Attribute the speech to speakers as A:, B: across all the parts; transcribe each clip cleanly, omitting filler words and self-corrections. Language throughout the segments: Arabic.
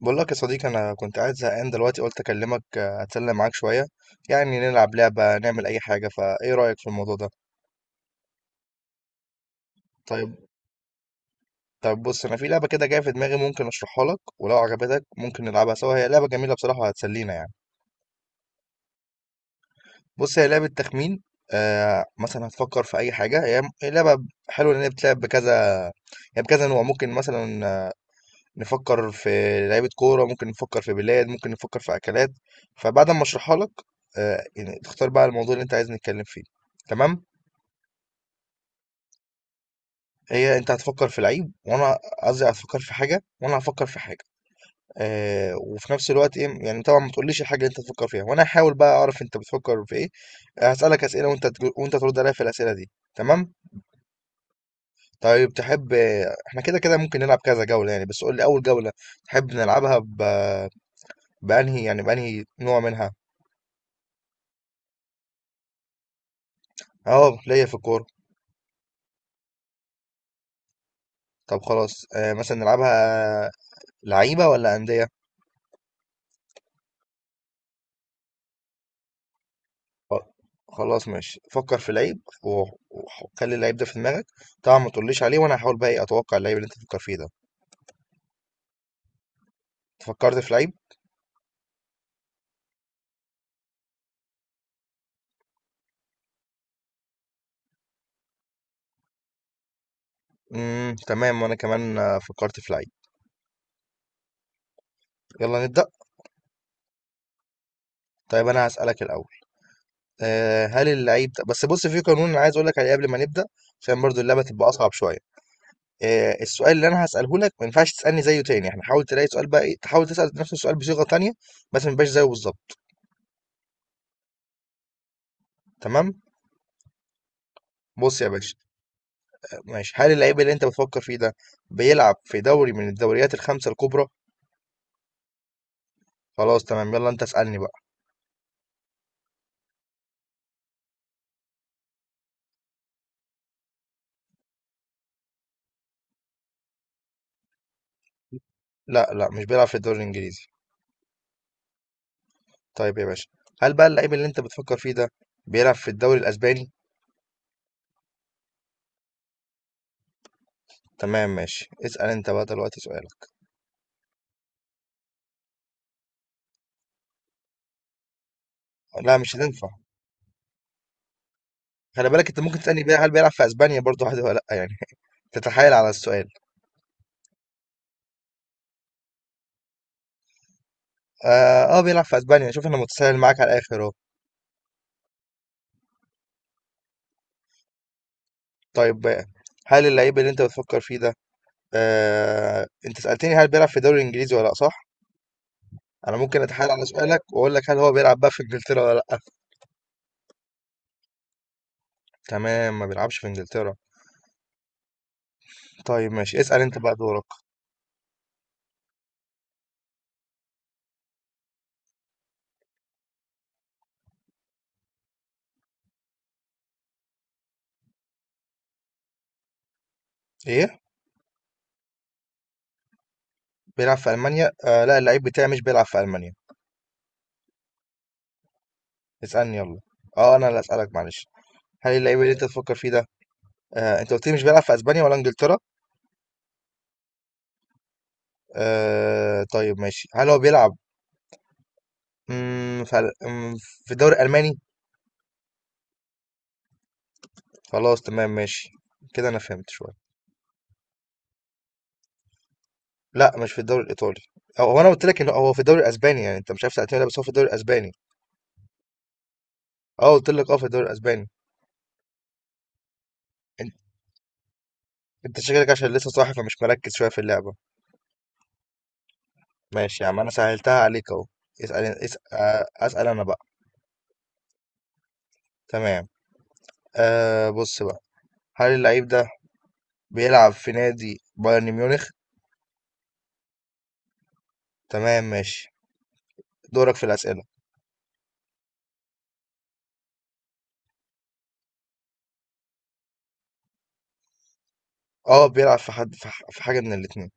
A: بقول لك يا صديقي انا كنت قاعد زهقان دلوقتي قلت اكلمك اتسلى معاك شويه. يعني نلعب لعبه نعمل اي حاجه، فايه رايك في الموضوع ده؟ طيب. طيب بص، انا في لعبه كده جايه في دماغي، ممكن اشرحها لك ولو عجبتك ممكن نلعبها سوا. هي لعبه جميله بصراحه وهتسلينا يعني. بص، هي لعبه تخمين. مثلا هتفكر في اي حاجه. هي لعبه حلوه لان هي بتلعب بكذا يعني، بكذا نوع. ممكن مثلا نفكر في لعيبة كورة، ممكن نفكر في بلاد، ممكن نفكر في أكلات. فبعد ما أشرحها لك يعني تختار بقى الموضوع اللي أنت عايز نتكلم فيه. تمام. هي أنت هتفكر في لعيب، وأنا قصدي هتفكر في حاجة وأنا هفكر في حاجة. وفي نفس الوقت إيه يعني. طبعا ما تقوليش الحاجة اللي أنت هتفكر فيها، وأنا هحاول بقى أعرف أنت بتفكر في إيه. هسألك أسئلة وأنت وأنت ترد عليا في الأسئلة دي. تمام؟ طيب، تحب؟ إحنا كده كده ممكن نلعب كذا جولة يعني، بس قول لي أول جولة تحب نلعبها بأنهي يعني، بأنهي نوع منها؟ اه، ليا في الكورة. طب خلاص، مثلا نلعبها لعيبة ولا أندية؟ خ- خلاص ماشي، فكر في لعيب وخلي اللعيب ده في دماغك. طبعا ما تقوليش عليه، وانا هحاول بقى إيه، اتوقع اللعيب اللي انت تفكر فيه ده. فكرت في لعيب. تمام. وانا كمان فكرت في لعيب. يلا نبدأ. طيب انا هسألك الاول. أه، هل اللعيب ده... بس بص، في قانون انا عايز اقول لك عليه قبل ما نبدأ عشان برضو اللعبة تبقى اصعب شوية. أه، السؤال اللي انا هسأله لك ما ينفعش تسألني زيه تاني. احنا حاول تلاقي سؤال بقى إيه، تحاول تسأل نفس السؤال بصيغة تانية بس ما يبقاش زيه بالظبط. تمام؟ بُص يا باشا، ماشي، هل اللعيب اللي أنت بتفكّر فيه ده بيلعب في دوري من الدوريات ال5 الكُبرى؟ خلاص تمام، يالّا أنت اسألني بقى. لأ، لأ، مش بيلعب في الدوري الإنجليزي. طيب يا باشا، هل بقى اللعيب اللي أنت بتفكّر فيه ده بيلعب في الدوري الأسباني؟ تمام ماشي، اسأل أنت بقى دلوقتي سؤالك. لأ، مش هتنفع. خلي بالك، أنت ممكن تسألني بقى هل بيلعب في أسبانيا برضه عادي والّا لأ يعني تتحايل على السؤال. آه بيلعب في أسبانيا. شوف، أنا متساهل معاك على الآخر أهو. طيب، بقى، هل اللعيب اللي أنت بتفكّر فيه ده... انت سألتني هل بيلعب في الدوري الانجليزي ولا لا، صح؟ انا ممكن اتحايل على سؤالك واقول لك هل هو بيلعب بقى في انجلترا ولا لا. تمام، ما بيلعبش في انجلترا. طيب ماشي، اسأل انت بقى دورك. ايه، بيلعب في المانيا؟ لا، اللعيب بتاعي مش بيلعب في المانيا. اسألني يلا. اه، انا اللي اسألك، معلش. هل اللعيب اللي انت تفكر فيه ده... انت قلت لي مش بيلعب في اسبانيا ولا انجلترا. طيب ماشي، هل هو بيلعب مم، في ال- مم، في الدوري الالماني؟ خلاص تمام ماشي، كده انا فهمت شوية. لأ، مش في الدوري الإيطالي. أو هو، أنا قُلت لك إن هو في الدوري الأسباني يعني، أنت مش عارف تعتمدها بس هو في الدوري الأسباني. آه قُلت لك في الدوري الأسباني. أن أنت شكلك عشان لسه صاحي فمش مركّز شوية في اللعبة. ماشي يا عم، أنا سهّلتها عليك أهو. اسأل أن اس أسأل أنا بقى. تمام. بُص بقى، هل اللعيب ده بيلعب في نادي بايرن ميونخ؟ تمام ماشي، دورك في الأسئلة. آه بيلعب في حد، في حاجة من الاتنين.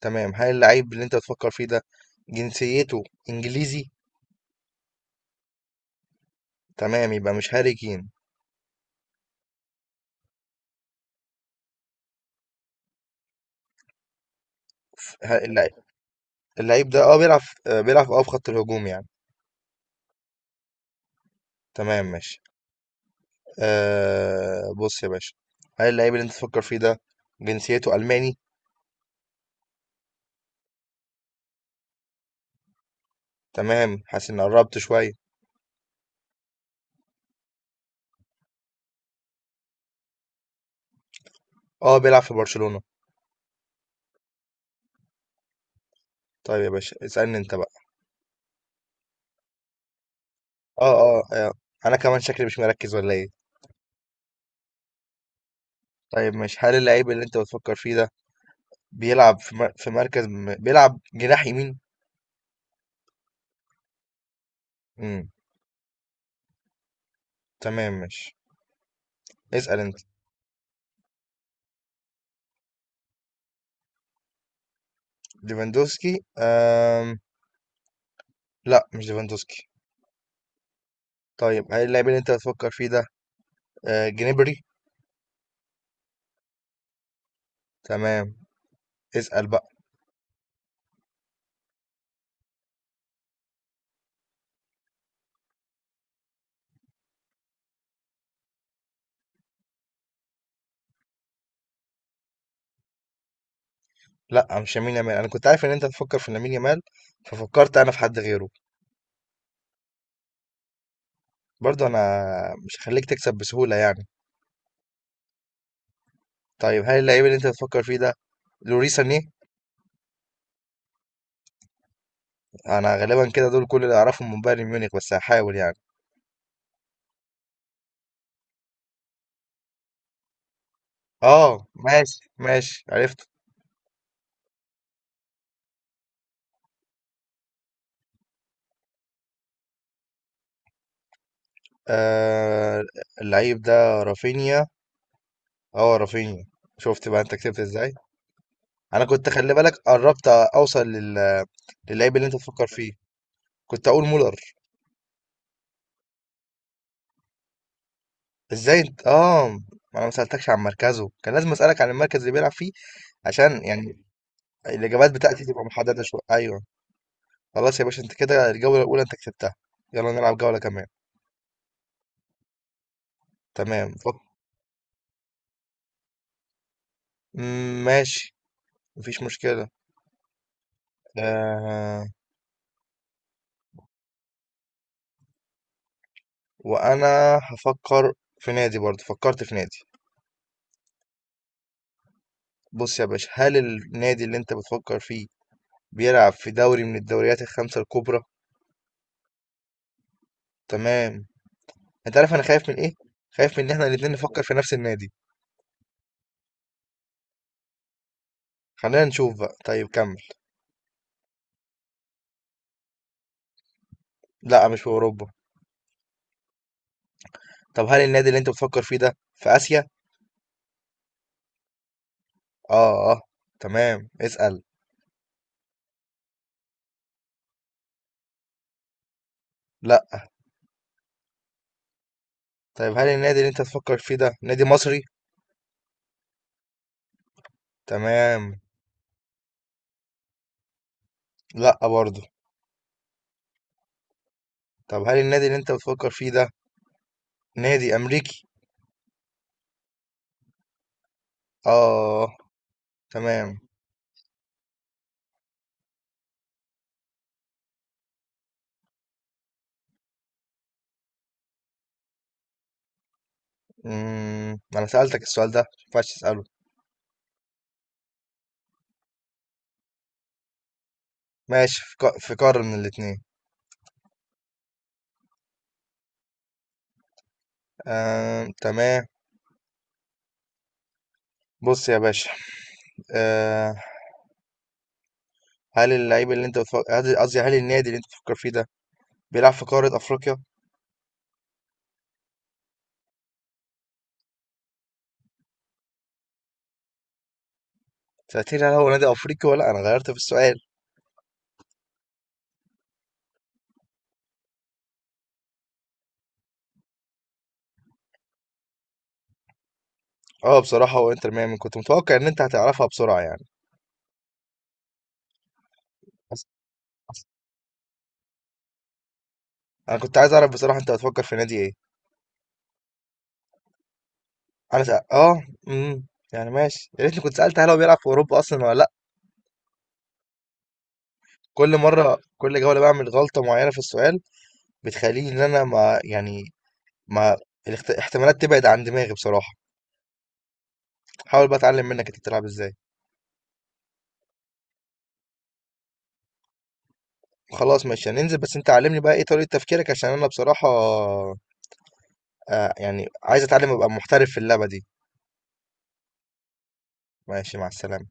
A: تمام، هل اللعيب اللي أنت بتفكّر فيه ده جنسيته إنجليزي؟ تمام، يبقى مش هاري كين. ف ه اللع اللعيب ده اه بيلعب، بيلعب اه في خط الهجوم يعني. تمام ماشي. آه بص يا باشا، هل اللعيب اللي انت تفكر فيه ده جنسيته ألماني؟ تمام، حاسس اني قربت شوية. اه بيلعب في برشلونة. طيب يا باشا اسألني انت بقى. اه اه آه، انا كمان شكلي مش مركز ولا ايه. طيب ماشي، هل اللعيب اللي انت بتفكر فيه ده بيلعب في مر... في مركز م... بيلعب جناح يمين؟ امم تمام ماشي، اسأل انت. ليفاندوسكي لا، مش ليفاندوسكي. طيب هل اللعيب اللي انت بتفكر فيه ده جنبري؟ تمام، اسأل بقى. لأ، مش لامين يامال. أنا كنت عارف إن أنت هتفكر في لامين يامال، ففكرت أنا في حد غيره. برضه أنا مش هاخليك تكسب بسهولة يعني. طيب هل اللعيب اللي أنت بتفكر فيه ده لوريس سانيه؟ أنا غالبا كده دول كل اللي أعرفهم من بايرن ميونخ، بس هحاول يعني. آه ماشي ماشي، عرفت. آه اللعيب ده رافينيا. آه رافينيا. شفت بقى أنت كسبت إزاي؟ أنا كنت خلي بالك، قربت أوصل للعيب اللي أنت بتفكر فيه. كنت أقول مولر. ازاي انت اه ما انا ما سالتكش عن مركزه، كان لازم اسالك عن المركز اللي بيلعب فيه، عشان يعني الاجابات بتاعتي تبقى محدده شويه. ايوه. خلاص يا باشا، انت كده الجوله الاولى انت كسبتها. يلا نلعب جوله كمان. تمام ماشي، مفيش مشكله. آه... وانا هفكر في نادي، برضه فكرت في نادي. بص يا باشا، هل النادي اللي انت بتفكر فيه بيلعب في دوري من الدوريات الخمسه الكبرى؟ تمام. انت عارف انا خايف من ايه؟ خايف من ان احنا الاتنين نفكر في نفس النادي. خلينا نشوف بقى، طيب كمل. لا، مش في اوروبا. طب هل النادي اللي انت بتفكر فيه ده في اسيا؟ اه اه تمام، اسأل. لا. طيب هل النادي اللي انت بتفكر فيه ده نادي مصري؟ تمام. لا برضه. طب هل النادي اللي انت بتفكر فيه ده نادي امريكي؟ اه تمام. انا سألتك السؤال ده، ما ينفعش تسأله. ماشي، في قارة من الاتنين. تمام. بص يا باشا، آه، هل اللعيب اللي انت بتفكر... قصدي هل النادي اللي انت بتفكر فيه ده بيلعب في قارة افريقيا؟ سألتني هل هو نادي أفريقي ولا لأ؟ أنا غيرت في السؤال. أه بصراحة هو إنتر ميامي. كنت متوقع إن أنت هتعرفها بسرعة يعني. بس بس أنا كنت عايز أعرف بصراحة أنت هتفكر في نادي إيه. أنا سأ... أه أمم يعني ماشي، يا ريتني كنت سألت هل هو بيلعب في أوروبا أصلا ولا لأ. كل مرة، كل جولة بعمل غلطة معينة في السؤال، بتخليني إن أنا ما يعني، ما الاحتمالات تبعد عن دماغي بصراحة. حاول بقى أتعلم منك أنت بتلعب إزاي. خلاص ماشي هننزل، بس أنت علمني بقى إيه طريقة تفكيرك، عشان أنا بصراحة يعني عايز أتعلم أبقى محترف في اللعبة دي. ماشي، مع السلامة.